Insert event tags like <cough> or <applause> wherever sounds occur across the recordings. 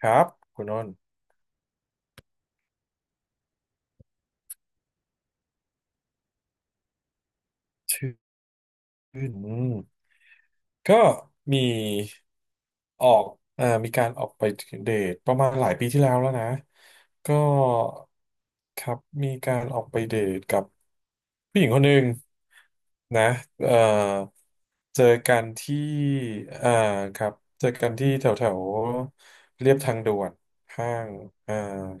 ครับคุณอ้นชื่นอืมก็มีออกเอ่อมีการออกไปเดทประมาณหลายปีที่แล้วนะ ก็ครับมีการออกไปเดทกับผู้หญิงคนหนึ่งนะเอ่อเจอกันที่อ่าครับเจอกันที่แถวแถวเรียบทางด่วนห้างอ่า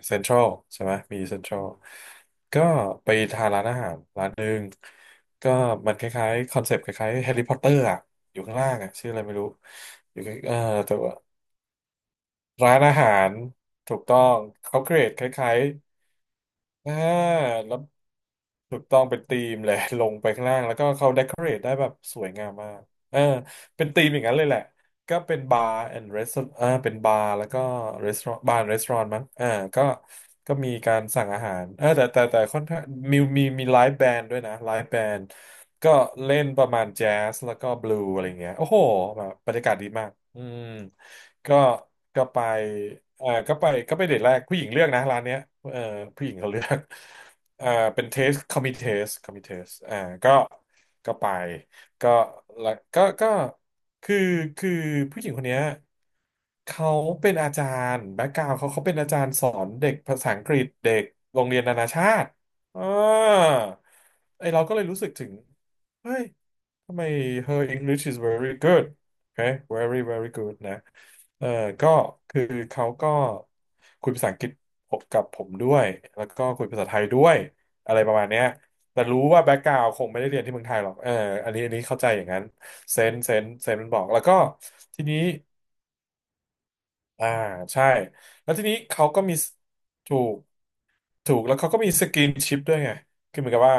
เซ็นทรัลใช่ไหมมีเซ็นทรัลก็ไปทานร้านอาหารร้านหนึ่งก็มันคล้ายๆคอนเซปต์คล้ายๆแฮร์รี่พอตเตอร์อะอยู่ข้างล่างอะชื่ออะไรไม่รู้อยู่ใกล้แต่ว่าร้านอาหารถูกต้องเขาเกรดคล้าย อ่าแล้วถูกต้องเป็นธีมเลย <laughs> ลงไปข้างล่างแล้วก็เขาเดคอเรทได้แบบสวยงามมากเออเป็นธีมอย่างนั้นเลยแหละ ก็เป็นบาร์แอนด์ร a สอร์เป็นบาร์แล้วก็รีสอร์บาร์ restaurant มั้งอ่าก็ก็มีการสั่งอาหารเออแต่ค่อนข้างมีไลฟ์แบนด์ด้วยนะไลฟ์แบนด์ก็เล่นประมาณแจ๊สแล้วก็บลูอะไรเงี้ย โอ้โหแบบบรรยากาศดีมากก็ก็ไปเออก็ไปเดทแรกผู้หญิงเลือกนะร้านเนี้ยเออผู้หญิงเขาเลือกอ่าเป็นเทสคอมมิเทสคอมมิเทสก็ก็ไป ก็ละกก็ก็คือคือผู้หญิงคนเนี้ยเขาเป็นอาจารย์แบ็กกราวเขาเป็นอาจารย์สอนเด็กภาษาอังกฤษเด็กโรงเรียนนานาชาติอ่าไอเราก็เลยรู้สึกถึงเฮ้ยทำไม her English is very good okay very very good นะเออก็คือเขาก็คุยภาษาอังกฤษผมด้วยแล้วก็คุยภาษาไทยด้วยอะไรประมาณเนี้ย แต่รู้ว่าแบ็กกราวด์คงไม่ได้เรียนที่เมืองไทยหรอกเอออันนี้เข้าใจอย่างนั้นเซนมันบอก แล้วก็ทีนี้อ่าใช่ แล้วทีนี้เขาก็มีถูกถูก แล้วเขาก็มีสกินชิปด้วยไงคือเหมือนกับว่า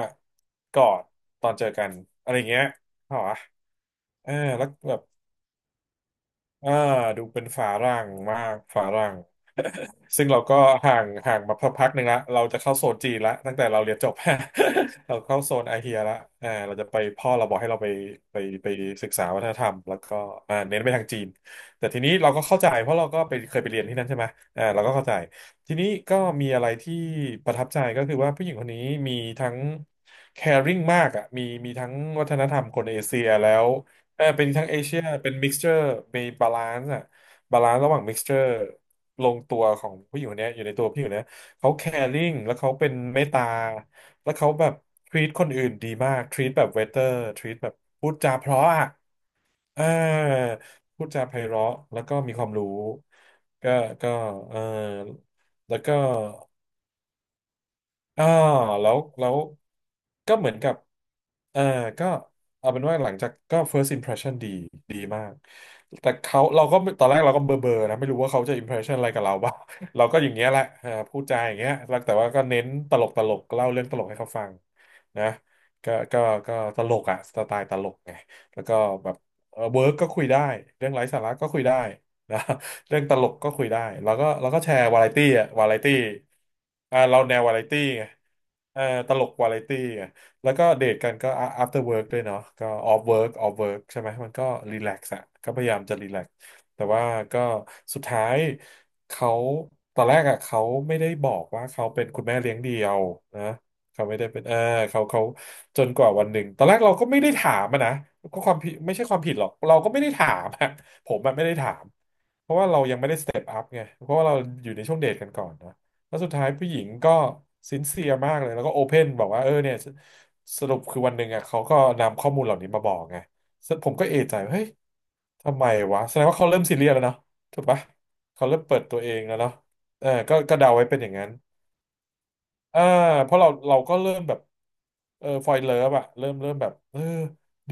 กอด ตอนเจอกัน อะไรอย่างเงี้ยเหรอะเออแล้วแบบอ่าดูเป็นฝารั่งมาก ฝารั่ง ซึ่งเราก็ห่างมาพักหนึ่งละเราจะเข้าโซนจีนละตั้งแต่เราเรียนจบ <laughs> เราเข้าโซนอาเฮียละเราจะไปพ่อเราบอกให้เราไปไปศึกษาวัฒนธรรมแล้วก็เน้นไปทางจีนแต่ทีนี้เราก็เข้าใจเพราะเราก็ไปเคยไปเรียนที่นั่นใช่ไหมเราก็เข้าใจทีนี้ก็มีอะไรที่ประทับใจก็คือว่าผู้หญิงคนนี้มีทั้ง caring มากอ่ะมีทั้งวัฒนธรรมคนเอเชียแล้วเออเป็นทั้งเอเชียเป็น mixture มี balance อ่ะ บาลานซ์ระหว่าง mixture ลงตัวของผู้หญิงคนเนี้ยอยู่ในตัวผู้หญิงคนเนี้ยเขา caring แล้วเขาเป็นเมตตาแล้วเขาแบบ treat คนอื่นดีมาก treat แบบ waiter treat แบบพูดจาเพราะอ่ะเออพูดจาไพเราะแล้วก็มีความรู้ก็ก็เออแล้วก็ อ่าแล้วก็เหมือนกับเออก็เอาเป็นว่าหลังจากก็ first impression ดีดีมากแต่เขาเราก็ตอนแรกเราก็เบอร์นะไม่รู้ว่าเขาจะ impression อะไรกับเราบ้าง <laughs> เราก็อย่างเงี้ยแหละเออพูดจาอย่างเงี้ยแล้วแต่ว่าก็เน้นตลกตลกเล่าเรื่องตลกให้เขาฟังนะก็ก็ก็ตลกอะสไตล์ตลกไงแล้วก็แบบเออวิร์กก็คุยได้เรื่องไร้สาระก็คุยได้ <laughs> นะ <laughs> เรื่องตลกก็คุยได้แล้วก็แชร์วาไรตี้อะวาไรตี้เราแนววาไรตี้ไงเออตลกวาไรตี้ไงแล้วก็เดทกันก็ after work ด้วยเนาะก็ off work off work ใช่ไหมมันก็รีแลกซ์อะก็พยายามจะรีแลกซ์แต่ว่าก็สุดท้ายเขาตอนแรกอะเขาไม่ได้บอกว่าเขาเป็นคุณแม่เลี้ยงเดี่ยวนะเขาไม่ได้เป็นเออเขาจนกว่าวันหนึ่งตอนแรกเราก็ไม่ได้ถามอะนะก็ความผิดไม่ใช่ความผิดหรอกเราก็ไม่ได้ถามอะผมอะไม่ได้ถาม เพราะว่าเรายังไม่ได้สเต็ปอัพไง เพราะว่าเราอยู่ในช่วงเดทกันก่อนเนอะแล้วสุดท้ายผู้หญิงก็ซินเซียมากเลย แล้วก็โอเพนบอกว่าเออเนี่ยสสรุปคือวันหนึ่งอ่ะเขาก็นำข้อมูลเหล่านี้มาบอกไงซึ่งผมก็เอะใจว่าเฮ้ย ทำไมวะแสดงว่าเขาเริ่มซีเรียสแล้วเนาะถูกปะ เขาเริ่มเปิดตัวเองแล้วเนาะเออก็เดาไว้เป็นอย่างนั้น อ่าเพราะเราก็เริ่มแบบเออฟอยเลิฟอะเริ่มแบบเออ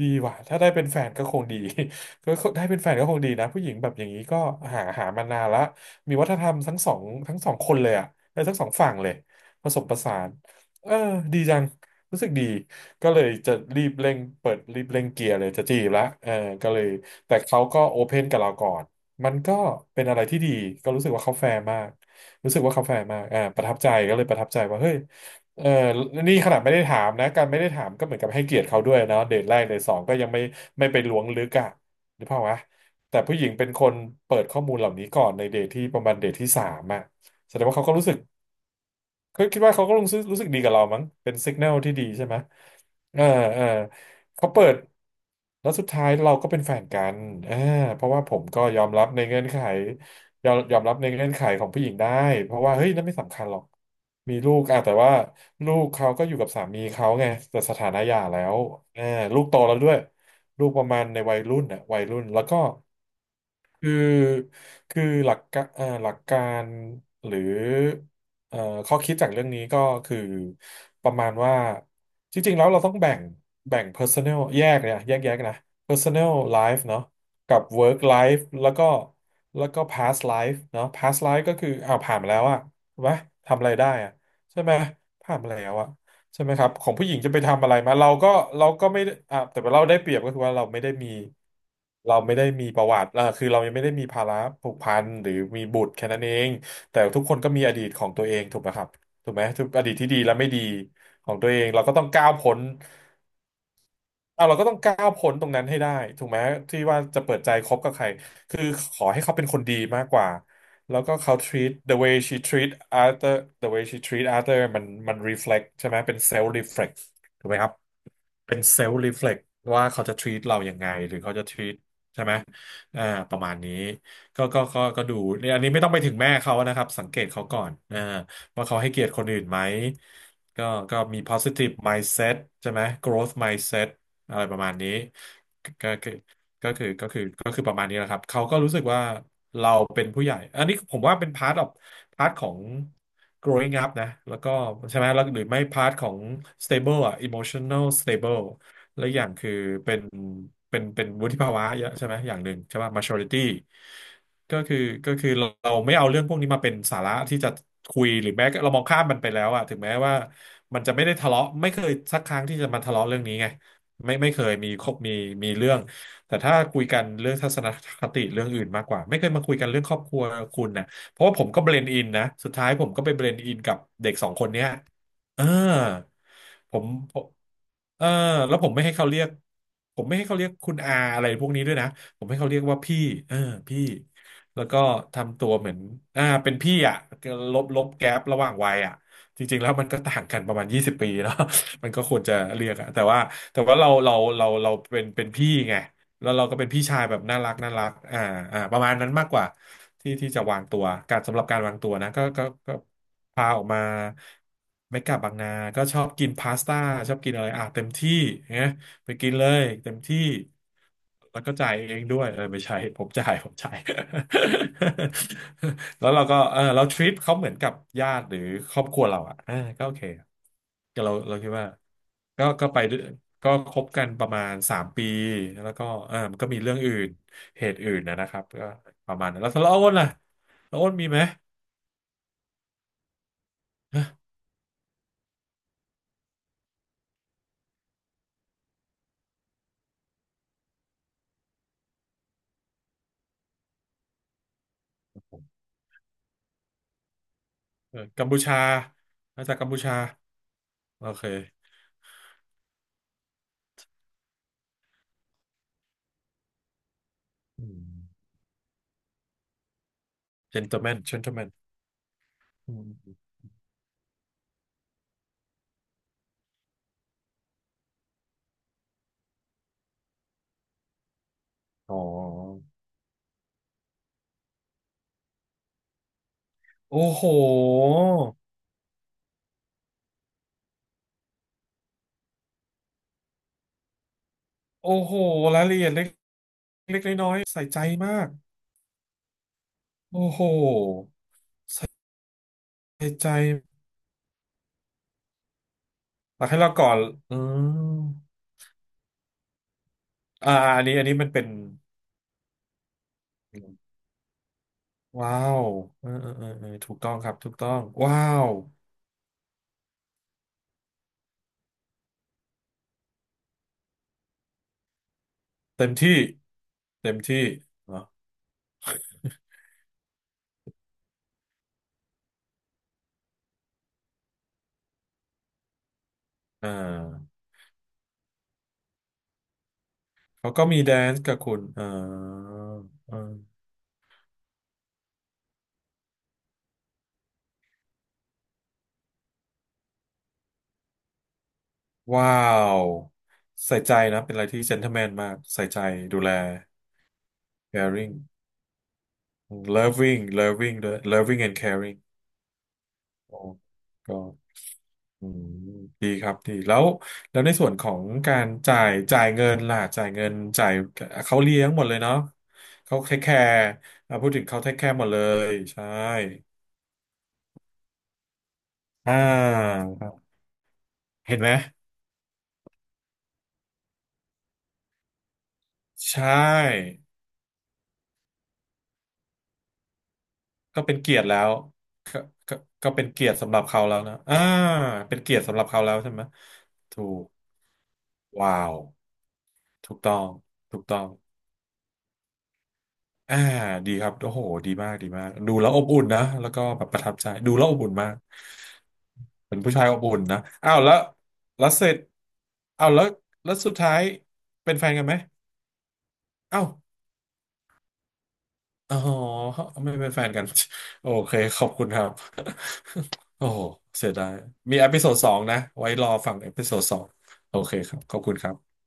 ดีว่ะถ้าได้เป็นแฟนก็คงดี <laughs> ก็ได้เป็นแฟนก็คงดีนะผู้หญิงแบบอย่างนี้ก็หามานานละมีวัฒนธรรมทั้งสองคนเลยอะเออทั้งสองฝั่งเลยผสมผสานเออดีจังรู้สึกดีก็เลยจะรีบเร่งเกียร์เลยจะจีบละเออก็เลยแต่เขาก็โอเพนกับเราก่อนมันก็เป็นอะไรที่ดีก็รู้สึกว่าเขาแฟร์มาก รู้สึกว่าเขาแฟร์มากประทับใจก็เลยประทับใจว่าเฮ้ยเออนี่ขนาดไม่ได้ถามนะ การไม่ได้ถามก็เหมือนกับให้เกียรติเขาด้วยเนาะเดทแรกเดทสองก็ยังไม่ไปล้วงลึกอ่ะหรือเึกภาพวะแต่ผู้หญิงเป็นคนเปิดข้อมูลเหล่านี้ก่อนในเดทที่ประมาณเดทที่สามอ่ะแสดงว่าเขาก็รู้สึก เขาคิดว่าเขาก็รู้สึกดีกับเรามั้งเป็นสัญญาณที่ดีใช่ไหมเออเออเขาเปิดแล้วสุดท้ายเราก็เป็นแฟนกันเออเพราะว่าผมก็ยอมรับในเงื่อนไขยอมรับในเงื่อนไขของผู้หญิงได้เพราะว่าเฮ้ยนั่นไม่สำคัญหรอกมีลูกอะแต่ว่าลูกเขาก็อยู่กับสามีเขาไงแต่สถานะหย่าแล้วเออลูกโตแล้วด้วยลูกประมาณในวัยรุ่นน่ะวัยรุ่นแล้วก็คือหลักการหรือ เอ่อข้อคิดจากเรื่องนี้ก็คือประมาณว่าจริงๆแล้วเราต้องแบ่ง personal แยกเนี่ยแยกนะ personal life เนาะกับ work life แล้วก็ past life เนาะ past life ก็คืออ้าวผ่านมาแล้วอะถูกไหมทำอะไรได้อะใช่ไหมผ่านมาแล้วอะใช่ไหมครับของผู้หญิงจะไปทำอะไรมาเราก็ไม่ได้อ่ะแต่ว่าเราได้เปรียบก็คือว่าเราไม่ได้มีประวัติเออคือเรายังไม่ได้มีภาระผูกพันหรือมีบุตรแค่นั้นเอง แต่ทุกคนก็มีอดีตของตัวเองถูกไหมครับถูกไหมทุกอดีตที่ดีและไม่ดีของตัวเองเราก็ต้องก้าวพ้นเอาเราก็ต้องก้าวพ้นตรงนั้นให้ได้ถูกไหมที่ว่าจะเปิดใจคบกับใครคือขอให้เขาเป็นคนดีมากกว่าแล้วก็เขา treat the way she treat other the way she treat other มัน reflect ใช่ไหมเป็น self reflect ถูกไหมครับ เป็นเซลล์รีเฟล็กว่าเขาจะ treat เราอย่างไงหรือเขาจะ treat ใช่ไหมอ่าประมาณนี้ก็ดูเนี่ยอันนี้ไม่ต้องไปถึงแม่เขานะครับสังเกตเขาก่อนว่าเขาให้เกียรติคนอื่นไหมก็ก็มี positive mindset ใช่ไหม growth mindset อะไรประมาณนี้ก็คือก็คือประมาณนี้แหละครับเขาก็รู้สึกว่าเราเป็นผู้ใหญ่อันนี้ผมว่าเป็น พาร์ทของ growing up นะแล้วก็ใช่ไหมแล้วหรือไม่พาร์ทของ stable อ่ะ emotional stable และอกอย่างคือเป็นเป็นวุฒิภาวะเยอะใช่ไหมอย่างหนึ่งใช่ป่ะ maturity ก็คือก็คือเราไม่เอาเรื่องพวกนี้มาเป็นสาระที่จะคุยหรือแม้เรามองข้ามมันไปแล้วอะถึงแม้ว่ามันจะไม่ได้ทะเลาะไม่เคยสักครั้งที่จะมาทะเลาะเรื่องนี้ไงไม่เคยมีคบมีเรื่องแต่ถ้าคุยกันเรื่องทัศนคติเรื่องอื่นมากกว่าไม่เคยมาคุยกันเรื่องครอบครัวคุณนะ เพราะว่าผมก็เบลนด์อินนะสุดท้ายผมก็ไปเบลนด์อินกับเด็กสองคนเนี้ยเออผมผมเออแล้วผมไม่ให้เขาเรียกคุณอาอะไรพวกนี้ด้วยนะผมให้เขาเรียกว่าพี่เออพี่แล้วก็ทำตัวเหมือนเป็นพี่อ่ะลบแก๊ประหว่างวัยอ่ะจริงๆแล้วมันก็ต่างกันประมาณ20 ปีเนาะ <laughs> มันก็ควรจะเรียกอะแต่ว่าเราเป็นพี่ไง แล้วเราก็เป็นพี่ชายแบบน่ารักน่ารักประมาณนั้นมากกว่าที่ที่จะวางตัว การสำหรับการวางตัวนะ ก็พาออกมาเมกะบางนา ก็ชอบกินพาสต้าชอบกินอะไรอ่ะเต็มที่เนีย ไปกินเลยเต็มที่แล้วก็จ่ายเองด้วยเออไม่ใช่ผมจ่ายผมจ่าย <laughs> แล้วเราก็เออเราทริปเขาเหมือนกับญาติหรือครอบครัวเราอ่ะเออก็โอเคก็เราคิดว่าก็ไปด้วยก็คบกันประมาณ3 ปีแล้วก็เออมันก็มีเรื่องอื่นเหตุอื่นนะครับก็ประมาณนั้นแล้วอ้นล่ะแล้วอ้นมีไหมฮะเออกัมพูชามาจากกัมพูชาโอเคอืม gentleman gentleman อืมอ๋อ โอ้โหโอ้โหรายละเอียดเล็กเล็กน้อยๆใส่ใจมากโอ้โหใส่ใจตักให้เราก่อนอืมอ่าอันนี้อันนี้มันเป็นว้าวเออเออเออเออถูกต้องครับถูกต้องว้าว เต็มที่ เต็มที่เหรออ่าเขาก็มีแดนซ์กับคุณอ่าว้าว ใส่ใจนะเป็นอะไรที่เจน t l e m แมนมาก ใส่ใจ ดูแล caring loving ด้วย loving and caring โอ้ก็อืมดีครับดีแล้วในส่วนของการจ่ายเงินล่ะจ่ายเงินจ่ายเขาเลี้ยงหมดเลยเนาะเขาเทคแคร์พูดถึงเขาเทคแคร์หมดเลยใช่อ่าครับเห็นไหมใช่ก็เป็นเกียรติแล้วก็ก็ก็เป็นเกียรติสำหรับเขาแล้วนะเป็นเกียรติสำหรับเขาแล้วใช่ไหมถูกว้าวถูกต้องถูกต้อง อ่าดีครับโอ้โหดีมากดีมากดูแล้วอบอุ่นนะแล้วก็แบบประทับใจดูแล้วอบอุ่นมากเป็นผู้ชายอบอุ่นนะอ้าวแล้วเสร็จอ้าวแล้วสุดท้ายเป็นแฟนกันไหมอ้าวอ๋อไม่เป็นแฟนกันโอเคขอบคุณครับโอ้โหเสียดายมีเอพิโซดสองนะไว้รอฟังเอพิโซดสองโอเคครับขอบคุณครับ